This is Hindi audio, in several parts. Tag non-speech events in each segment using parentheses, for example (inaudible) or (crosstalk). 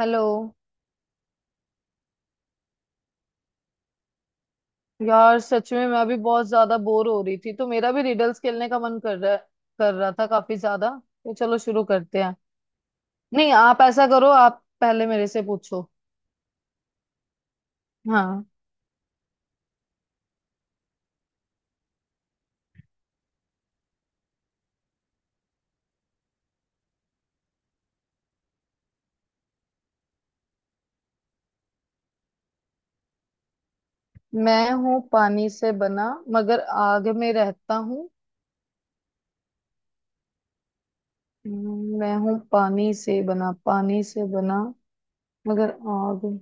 हेलो। यार सच में मैं अभी बहुत ज्यादा बोर हो रही थी, तो मेरा भी रिडल्स खेलने का मन कर रहा है, कर रहा था काफी ज्यादा। तो चलो शुरू करते हैं। नहीं, आप ऐसा करो, आप पहले मेरे से पूछो। हाँ। मैं हूँ पानी से बना, मगर आग में रहता हूँ। मैं हूँ पानी से बना, पानी से बना मगर आग।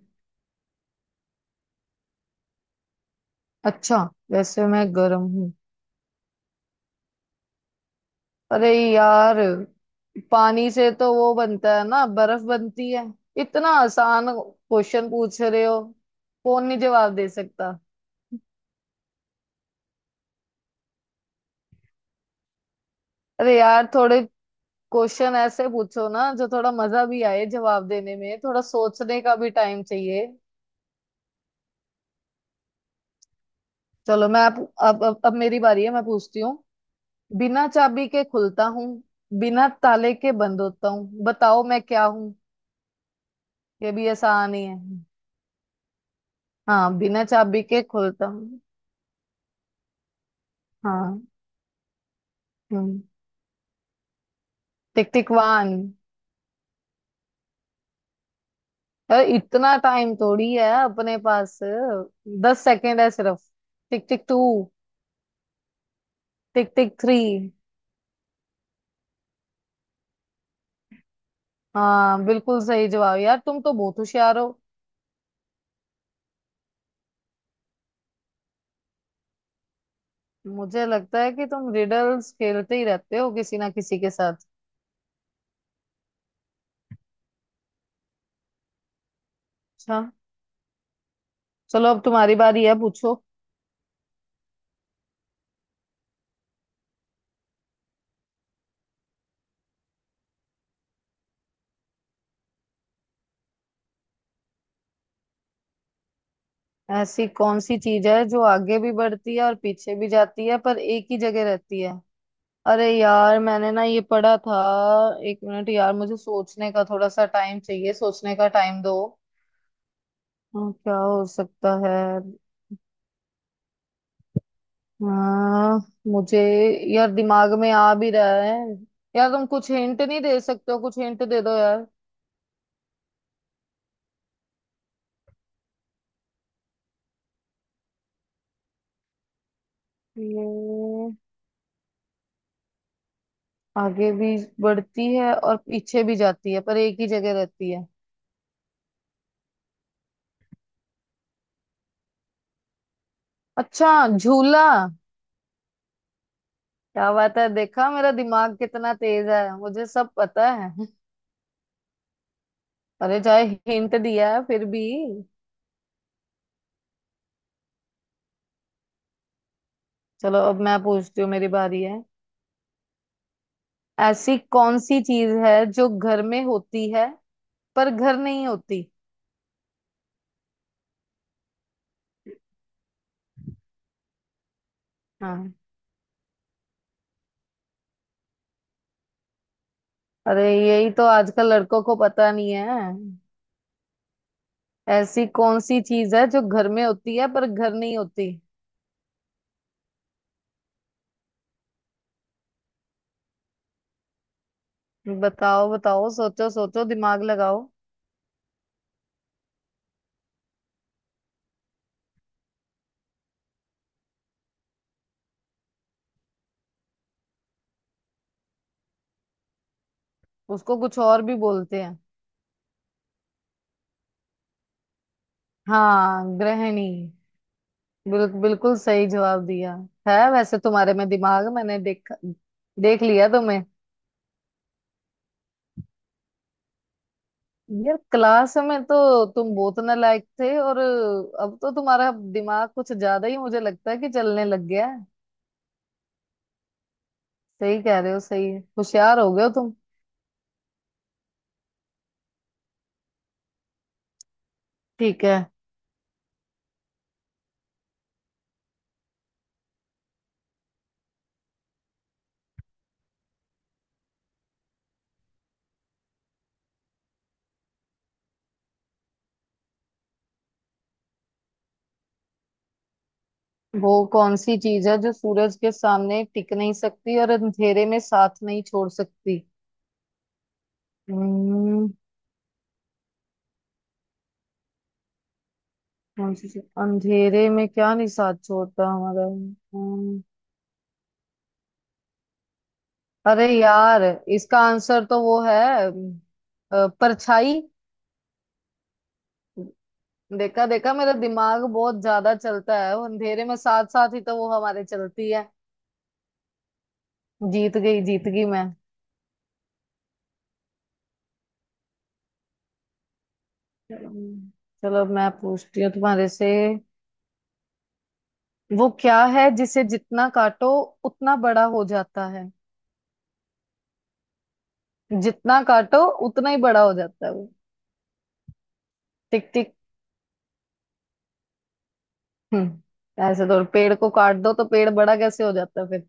अच्छा, वैसे मैं गर्म हूँ। अरे यार, पानी से तो वो बनता है ना, बर्फ बनती है। इतना आसान क्वेश्चन पूछ रहे हो, कौन नहीं जवाब दे सकता। अरे यार, थोड़े क्वेश्चन ऐसे पूछो ना जो थोड़ा मजा भी आए जवाब देने में, थोड़ा सोचने का भी टाइम चाहिए। चलो, मैं अब मेरी बारी है, मैं पूछती हूँ। बिना चाबी के खुलता हूँ, बिना ताले के बंद होता हूँ, बताओ मैं क्या हूँ। ये भी आसान ही है। हाँ, बिना चाबी के खुलता हूँ। हाँ। हम्म। टिकटिकवान। अरे इतना टाइम थोड़ी है अपने पास, दस सेकेंड है सिर्फ। Tick tick two. Tick tick three. हाँ, बिल्कुल सही जवाब। यार तुम तो बहुत होशियार हो। मुझे लगता है कि तुम रिडल्स खेलते ही रहते हो किसी ना किसी के साथ। अच्छा। चलो अब तुम्हारी बारी है, पूछो। ऐसी कौन सी चीज है जो आगे भी बढ़ती है और पीछे भी जाती है पर एक ही जगह रहती है। अरे यार, मैंने ना ये पढ़ा था। एक मिनट यार, मुझे सोचने का थोड़ा सा टाइम चाहिए, सोचने का टाइम दो। हाँ, क्या हो सकता है। हाँ, मुझे, यार दिमाग में आ भी रहा है। यार तुम कुछ हिंट नहीं दे सकते हो? कुछ हिंट दे दो यार। ये आगे भी बढ़ती है और पीछे भी जाती है पर एक ही जगह रहती है। अच्छा। झूला। क्या बात है, देखा मेरा दिमाग कितना तेज है, मुझे सब पता है। अरे चाहे हिंट दिया है फिर भी। चलो अब मैं पूछती हूँ, मेरी बारी है। ऐसी कौन सी चीज है जो घर में होती है पर घर नहीं होती। हाँ। अरे यही तो आजकल लड़कों को पता नहीं है। ऐसी कौन सी चीज है जो घर में होती है पर घर नहीं होती। बताओ बताओ, सोचो सोचो, दिमाग लगाओ। उसको कुछ और भी बोलते हैं। हाँ, गृहिणी। बिल्कुल सही जवाब दिया है, वैसे तुम्हारे में दिमाग मैंने देख, देख लिया तुम्हें। यार क्लास में तो तुम बहुत नालायक थे, और अब तो तुम्हारा दिमाग कुछ ज्यादा ही मुझे लगता है कि चलने लग गया है। सही कह रहे हो, सही है, होशियार हो गए हो तुम। ठीक है। वो कौन सी चीज है जो सूरज के सामने टिक नहीं सकती और अंधेरे में साथ नहीं छोड़ सकती। हम्म, कौन सी चीज अंधेरे में क्या नहीं साथ छोड़ता हमारा? अरे यार, इसका आंसर तो वो है। अम, परछाई। देखा देखा, मेरा दिमाग बहुत ज्यादा चलता है, वो अंधेरे में साथ साथ ही तो वो हमारे चलती है। जीत गई मैं। हम्म। चलो अब मैं पूछती हूँ तुम्हारे से। वो क्या है जिसे जितना काटो उतना बड़ा हो जाता है। जितना काटो उतना ही बड़ा हो जाता है वो। टिक टिक। हम्म, ऐसे तो पेड़ को काट दो तो पेड़ बड़ा कैसे हो जाता है फिर।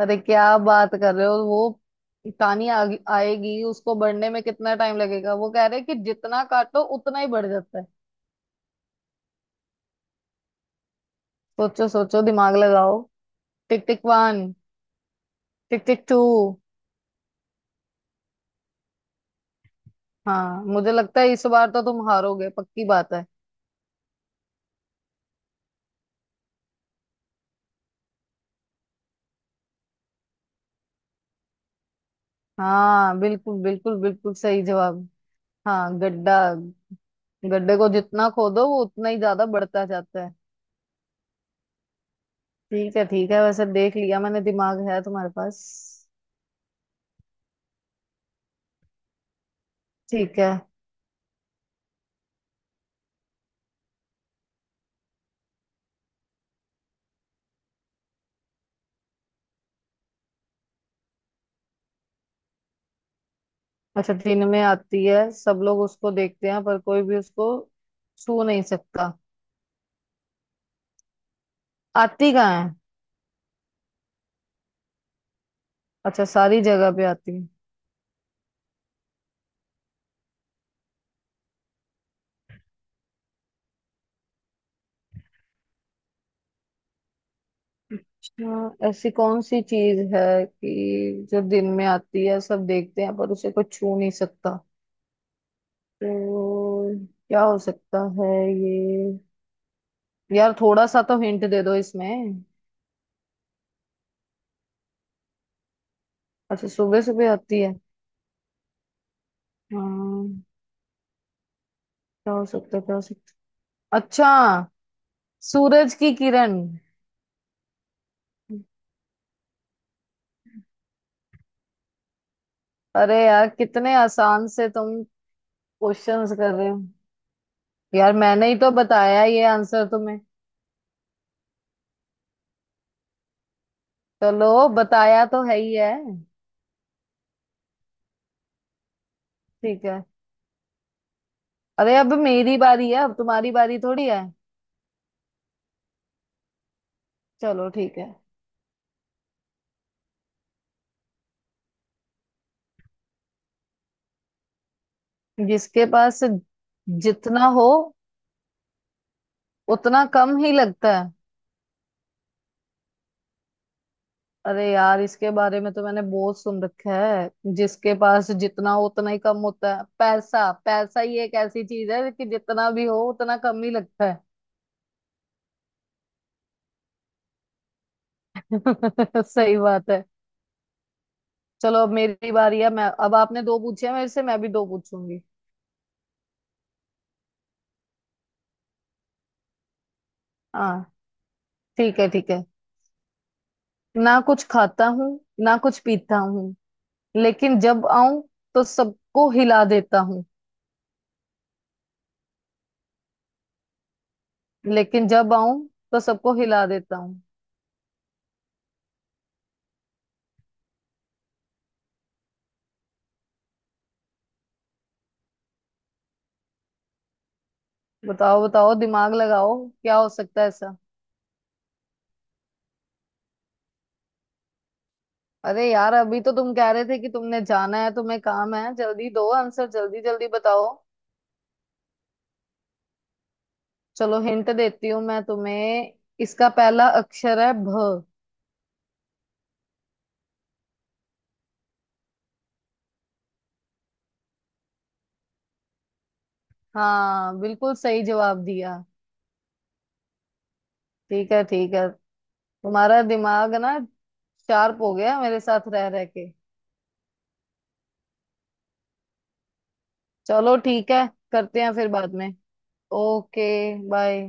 अरे क्या बात कर रहे हो वो। कहानी आ, आएगी, उसको बढ़ने में कितना टाइम लगेगा। वो कह रहे हैं कि जितना काटो उतना ही बढ़ जाता है। सोचो सोचो, दिमाग लगाओ। Tick tick one. Tick tick two. हाँ मुझे लगता है इस बार तो तुम हारोगे, पक्की बात है। हाँ, बिल्कुल बिल्कुल बिल्कुल सही जवाब। हाँ, गड्ढा। गड्ढे को जितना खोदो वो उतना ही ज्यादा बढ़ता जाता है। ठीक है ठीक है, वैसे देख लिया मैंने, दिमाग है तुम्हारे पास। ठीक है। अच्छा, दिन में आती है, सब लोग उसको देखते हैं, पर कोई भी उसको छू नहीं सकता। आती कहाँ है? अच्छा, सारी जगह पे आती है। अच्छा, ऐसी कौन सी चीज है कि जो दिन में आती है, सब देखते हैं पर उसे कोई छू नहीं सकता। तो क्या हो सकता है ये? यार थोड़ा सा तो हिंट दे दो इसमें। अच्छा, सुबह सुबह आती है। हाँ, क्या हो सकता है, क्या हो सकता है? अच्छा, सूरज की किरण। अरे यार कितने आसान से तुम क्वेश्चंस कर रहे हो। यार मैंने ही तो बताया ये आंसर तुम्हें। चलो, बताया तो है ही है। ठीक है। अरे अब मेरी बारी है, अब तुम्हारी बारी थोड़ी है। चलो ठीक है। जिसके पास जितना हो उतना कम ही लगता है। अरे यार, इसके बारे में तो मैंने बहुत सुन रखा है। जिसके पास जितना हो उतना ही कम होता है, पैसा, पैसा ही एक ऐसी चीज है कि जितना भी हो उतना कम ही लगता है। (laughs) सही बात है। चलो अब मेरी बारी है, मैं अब, आपने दो पूछे हैं मेरे से, मैं भी दो पूछूंगी। हाँ। ठीक है ठीक है। ना कुछ खाता हूँ, ना कुछ पीता हूँ, लेकिन जब आऊं तो सबको हिला देता हूँ। लेकिन जब आऊं तो सबको हिला देता हूँ। बताओ बताओ, दिमाग लगाओ, क्या हो सकता है ऐसा। अरे यार, अभी तो तुम कह रहे थे कि तुमने जाना है, तुम्हें काम है, जल्दी दो आंसर, जल्दी जल्दी बताओ। चलो हिंट देती हूँ मैं तुम्हें। इसका पहला अक्षर है भ। हाँ, बिल्कुल सही जवाब दिया। ठीक है ठीक है। तुम्हारा दिमाग ना शार्प हो गया मेरे साथ रह रह के। चलो ठीक है। करते हैं फिर बाद में। Okay, bye.